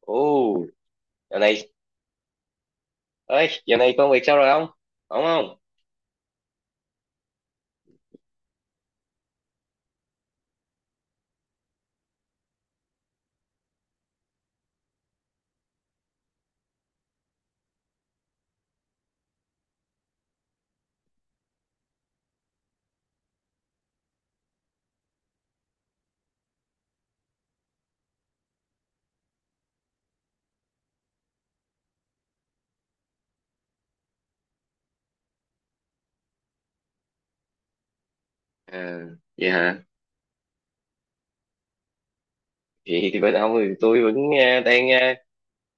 Ồ, giờ này, ơi, giờ này công việc sao rồi ông? Ổn không? À, vậy hả? Vậy thì bên ông thì tôi vẫn đang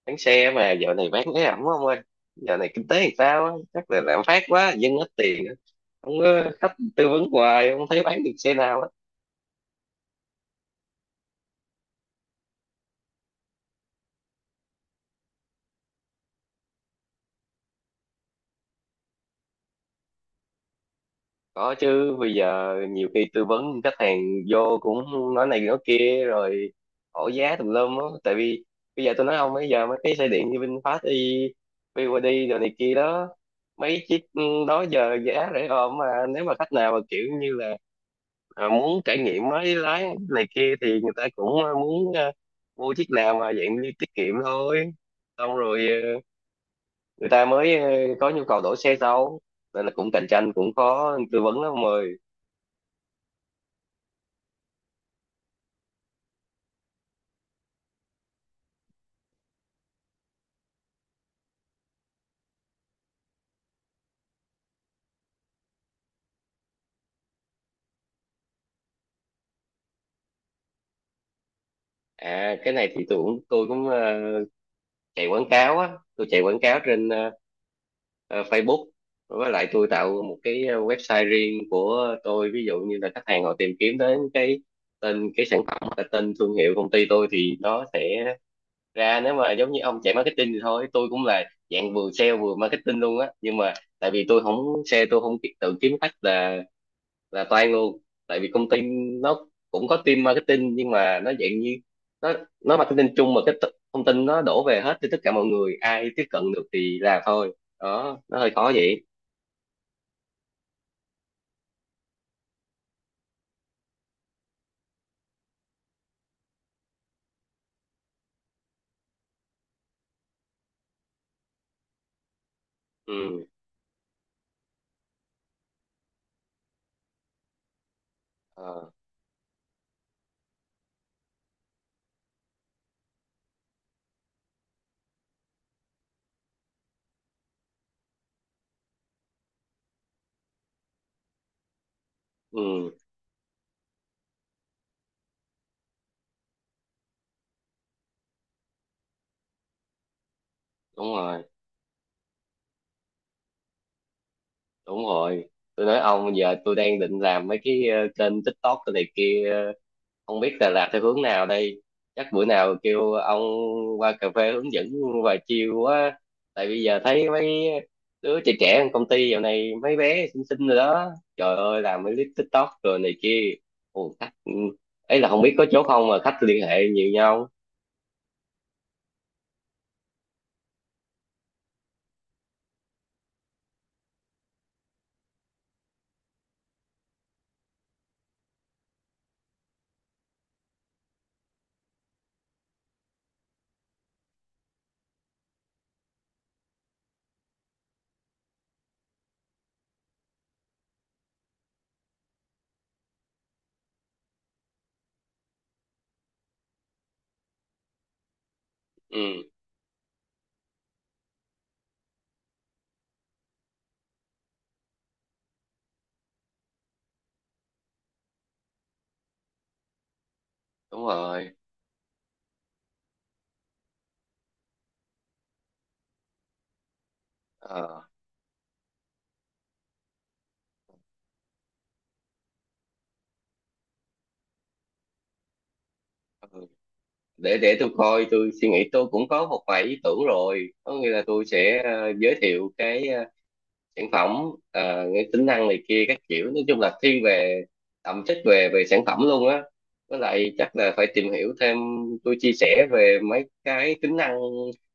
bán xe mà giờ này bán cái ẩm ông ơi. Giờ này kinh tế thì sao á? Chắc là lạm phát quá, dân ít tiền, á. Không có khách tư vấn hoài, không thấy bán được xe nào á. Có chứ, bây giờ nhiều khi tư vấn khách hàng vô cũng nói này nói kia rồi hỏi giá tùm lum á. Tại vì bây giờ tôi nói ông, bây giờ mấy cái xe điện như VinFast y BYD rồi này kia đó, mấy chiếc đó giờ giá rẻ ôm, mà nếu mà khách nào mà kiểu như là muốn trải nghiệm mới lái này kia thì người ta cũng muốn mua chiếc nào mà dạng như tiết kiệm thôi, xong rồi người ta mới có nhu cầu đổi xe sau. Nên là cũng cạnh tranh, cũng khó tư vấn lắm ông. À, cái này thì tôi cũng chạy quảng cáo á, tôi chạy quảng cáo trên Facebook, với lại tôi tạo một cái website riêng của tôi. Ví dụ như là khách hàng họ tìm kiếm đến cái tên cái sản phẩm hoặc là tên thương hiệu công ty tôi thì nó sẽ ra. Nếu mà giống như ông chạy marketing thì thôi, tôi cũng là dạng vừa sale vừa marketing luôn á, nhưng mà tại vì tôi không sale, tôi không ki- tự kiếm khách là toan luôn. Tại vì công ty nó cũng có team marketing nhưng mà nó dạng như nó nó marketing chung, mà cái t- thông tin nó đổ về hết cho tất cả mọi người, ai tiếp cận được thì làm thôi, đó nó hơi khó vậy. Ừ. Ờ. Ừ, đúng rồi, đúng rồi. Tôi nói ông, giờ tôi đang định làm mấy cái kênh TikTok cái này kia, không biết Đà Lạt theo hướng nào đây. Chắc bữa nào kêu ông qua cà phê hướng dẫn, và chiều quá. Tại bây giờ thấy mấy đứa trẻ trẻ trong công ty dạo này mấy bé xinh xinh rồi đó, trời ơi làm mấy clip TikTok rồi này kia. Ồ, khách, ừ, ấy là không biết có chỗ không mà khách liên hệ nhiều nhau. Ừ, đúng rồi. Ờ, ừ. Để tôi coi, tôi suy nghĩ, tôi cũng có một vài ý tưởng rồi, có nghĩa là tôi sẽ giới thiệu cái sản phẩm, cái tính năng này kia các kiểu, nói chung là thiên về thẩm chất về về sản phẩm luôn á. Với lại chắc là phải tìm hiểu thêm, tôi chia sẻ về mấy cái tính năng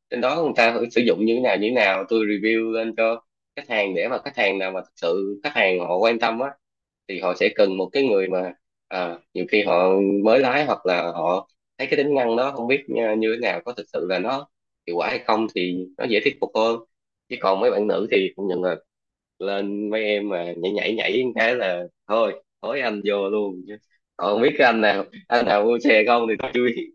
trên đó người ta thử sử dụng như thế nào như thế nào, tôi review lên cho khách hàng, để mà khách hàng nào mà thực sự khách hàng họ quan tâm á thì họ sẽ cần một cái người mà nhiều khi họ mới lái hoặc là họ thấy cái tính năng đó không biết như, như thế nào, có thực sự là nó hiệu quả hay không, thì nó dễ thuyết phục hơn. Chứ còn mấy bạn nữ thì cũng nhận lên, mấy em mà nhảy nhảy nhảy một cái là thôi thối anh vô luôn, chứ còn không biết cái anh nào mua xe không thì tôi chưa biết.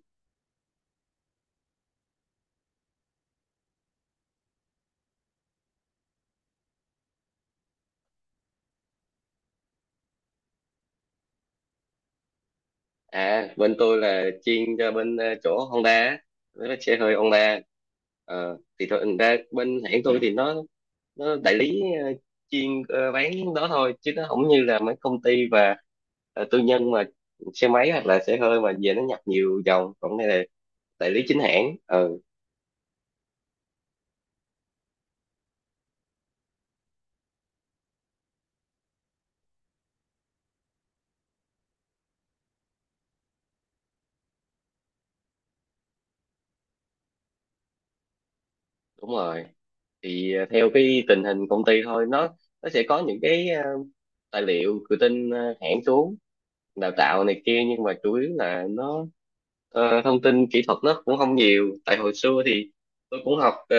À, bên tôi là chuyên cho bên chỗ Honda á, mấy cái xe hơi Honda. Ờ, thì thôi ra bên hãng tôi thì nó đại lý chuyên bán đó thôi, chứ nó không như là mấy công ty và tư nhân mà xe máy hoặc là xe hơi mà về nó nhập nhiều dòng, còn đây là đại lý chính hãng. Ừ, đúng rồi. Thì à, theo cái tình hình công ty thôi, nó sẽ có những cái tài liệu tự tin à, hãng xuống đào tạo này kia, nhưng mà chủ yếu là nó thông tin kỹ thuật nó cũng không nhiều. Tại hồi xưa thì tôi cũng học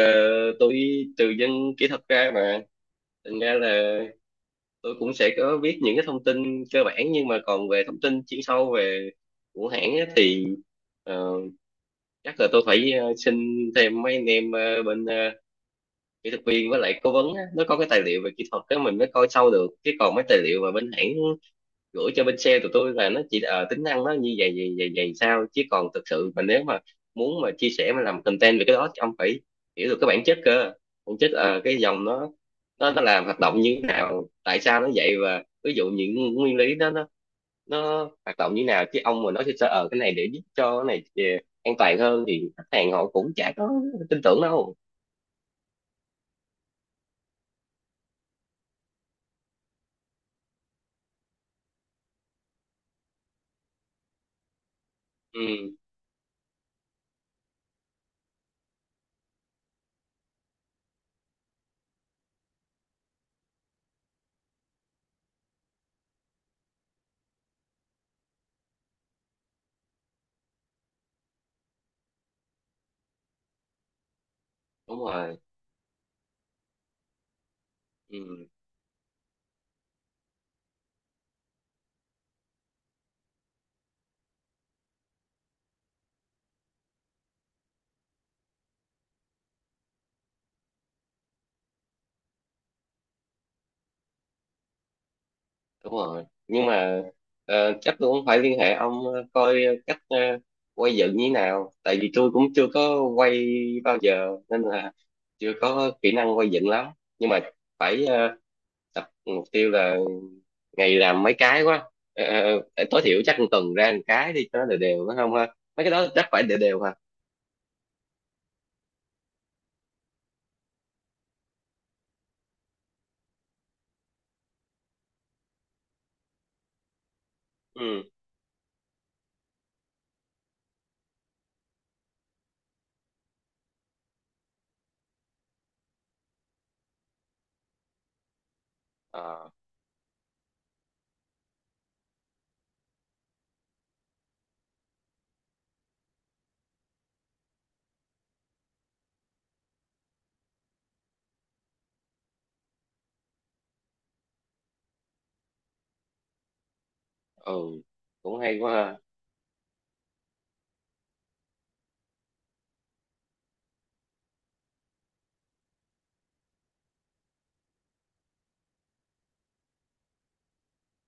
tôi từ dân kỹ thuật ra mà, thành ra là tôi cũng sẽ có biết những cái thông tin cơ bản. Nhưng mà còn về thông tin chuyên sâu về của hãng á, thì ờ, chắc là tôi phải xin thêm mấy anh em bên kỹ thuật viên với lại cố vấn á, nó có cái tài liệu về kỹ thuật đó mình mới coi sâu được. Chứ còn mấy tài liệu mà bên hãng gửi cho bên sale tụi tôi là nó chỉ tính năng nó như vậy vậy vậy vậy sao, chứ còn thực sự mà nếu mà muốn mà chia sẻ mà làm content về cái đó thì ông phải hiểu được cái bản chất cơ bản chất cái dòng nó làm hoạt động như thế nào, tại sao nó vậy, và ví dụ những nguyên lý đó nó hoạt động như nào. Chứ ông mà nói sơ sơ ờ cái này để giúp cho cái này an toàn hơn thì khách hàng họ cũng chả có tin tưởng đâu. Ừ, đúng rồi. Ừ, đúng rồi. Nhưng mà chắc tôi cũng phải liên hệ ông coi cách quay dựng như thế nào. Tại vì tôi cũng chưa có quay bao giờ nên là chưa có kỹ năng quay dựng lắm. Nhưng mà phải tập, mục tiêu là ngày làm mấy cái quá. Ờ, Tối thiểu chắc một tuần ra một cái đi cho nó đều đều phải không ha? Mấy cái đó chắc phải đều đều hả? Ừ. Ờ. Ừ. Cũng hay quá ha.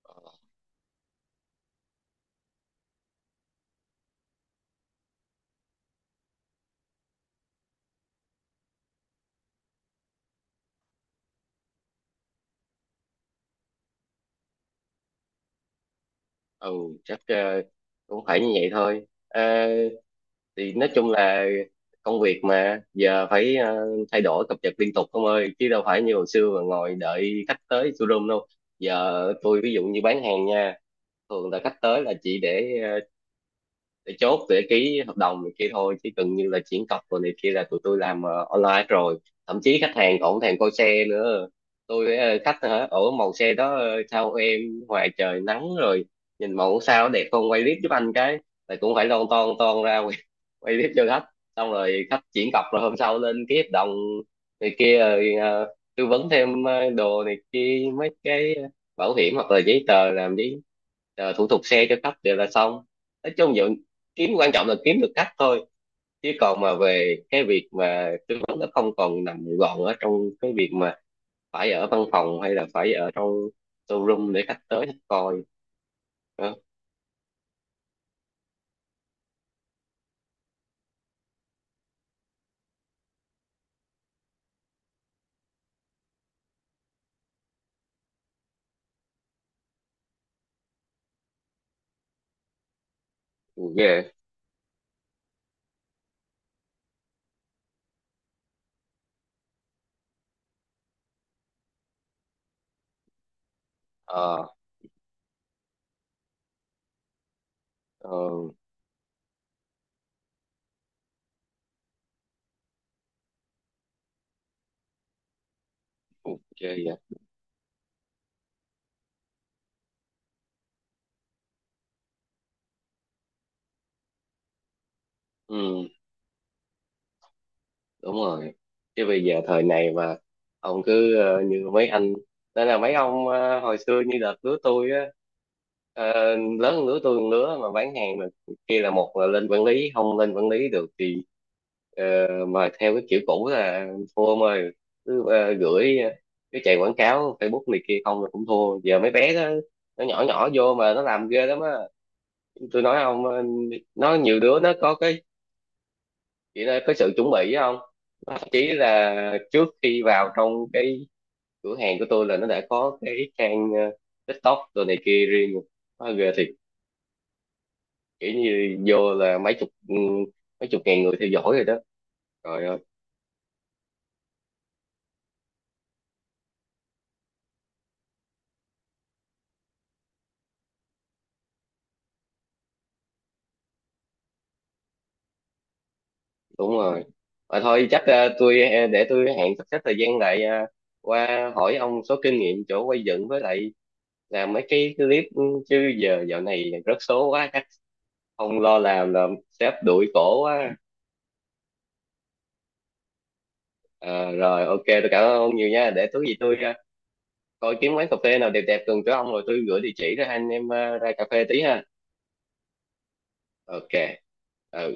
Ờ. Ừ, chắc cũng phải như vậy thôi. Ờ, thì nói chung là công việc mà giờ phải thay đổi cập nhật liên tục ông ơi, chứ đâu phải như hồi xưa mà ngồi đợi khách tới showroom đâu. Giờ tôi ví dụ như bán hàng nha, thường là khách tới là chỉ để để chốt để ký hợp đồng này kia thôi, chứ gần như là chuyển cọc rồi này kia là tụi tôi làm online rồi. Thậm chí khách hàng còn không thèm coi xe nữa, tôi với, ờ, khách hả ở màu xe đó ờ, sao em ngoài trời nắng rồi nhìn màu sao đẹp, không quay clip giúp anh cái, là cũng phải lon ton ton ra quay, quay clip cho khách. Xong rồi khách chuyển cọc rồi hôm sau lên ký hợp đồng này kia rồi tư vấn thêm đồ này kia, mấy cái bảo hiểm hoặc là giấy tờ, làm giấy tờ thủ tục xe cho khách đều là xong. Nói chung dạo kiếm, quan trọng là kiếm được khách thôi, chứ còn mà về cái việc mà tư vấn nó không còn nằm gọn ở trong cái việc mà phải ở văn phòng hay là phải ở trong showroom để khách tới khách coi đó. Yeah. Ờ. Ờ. Ok. Vậy. Ừ, đúng rồi, chứ bây giờ thời này mà ông cứ như mấy anh, nên là mấy ông hồi xưa như đợt lứa tôi á, lớn hơn lứa tôi một lứa mà bán hàng mà kia, là một là lên quản lý, không lên quản lý được thì ờ, mà theo cái kiểu cũ là thua ông ơi. Cứ ờ, gửi ờ, cái chạy quảng cáo Facebook này kia không là cũng thua giờ mấy bé đó, nó nhỏ nhỏ vô mà nó làm ghê lắm á. Tôi nói ông nó nhiều đứa nó có cái chị đã có sự chuẩn bị không, thậm chí là trước khi vào trong cái cửa hàng của tôi là nó đã có cái trang TikTok rồi này kia riêng rồi. Quá ghê thiệt, kiểu như vô là mấy chục, ừ, mấy chục ngàn người theo dõi rồi đó. Trời ơi, đúng rồi. Mà thôi chắc tôi để tôi hẹn sắp xếp thời gian lại qua hỏi ông số kinh nghiệm chỗ quay dựng với lại làm mấy cái clip, ừ, chứ giờ dạo này rớt số quá, chắc không lo làm là sếp đuổi cổ quá. Ờ, rồi ok, tôi cảm ơn ông nhiều nha, để tối gì tôi coi kiếm quán cà phê nào đẹp đẹp gần chỗ ông rồi tôi gửi địa chỉ rồi hai anh em ra cà phê tí ha. Ok. Ờ,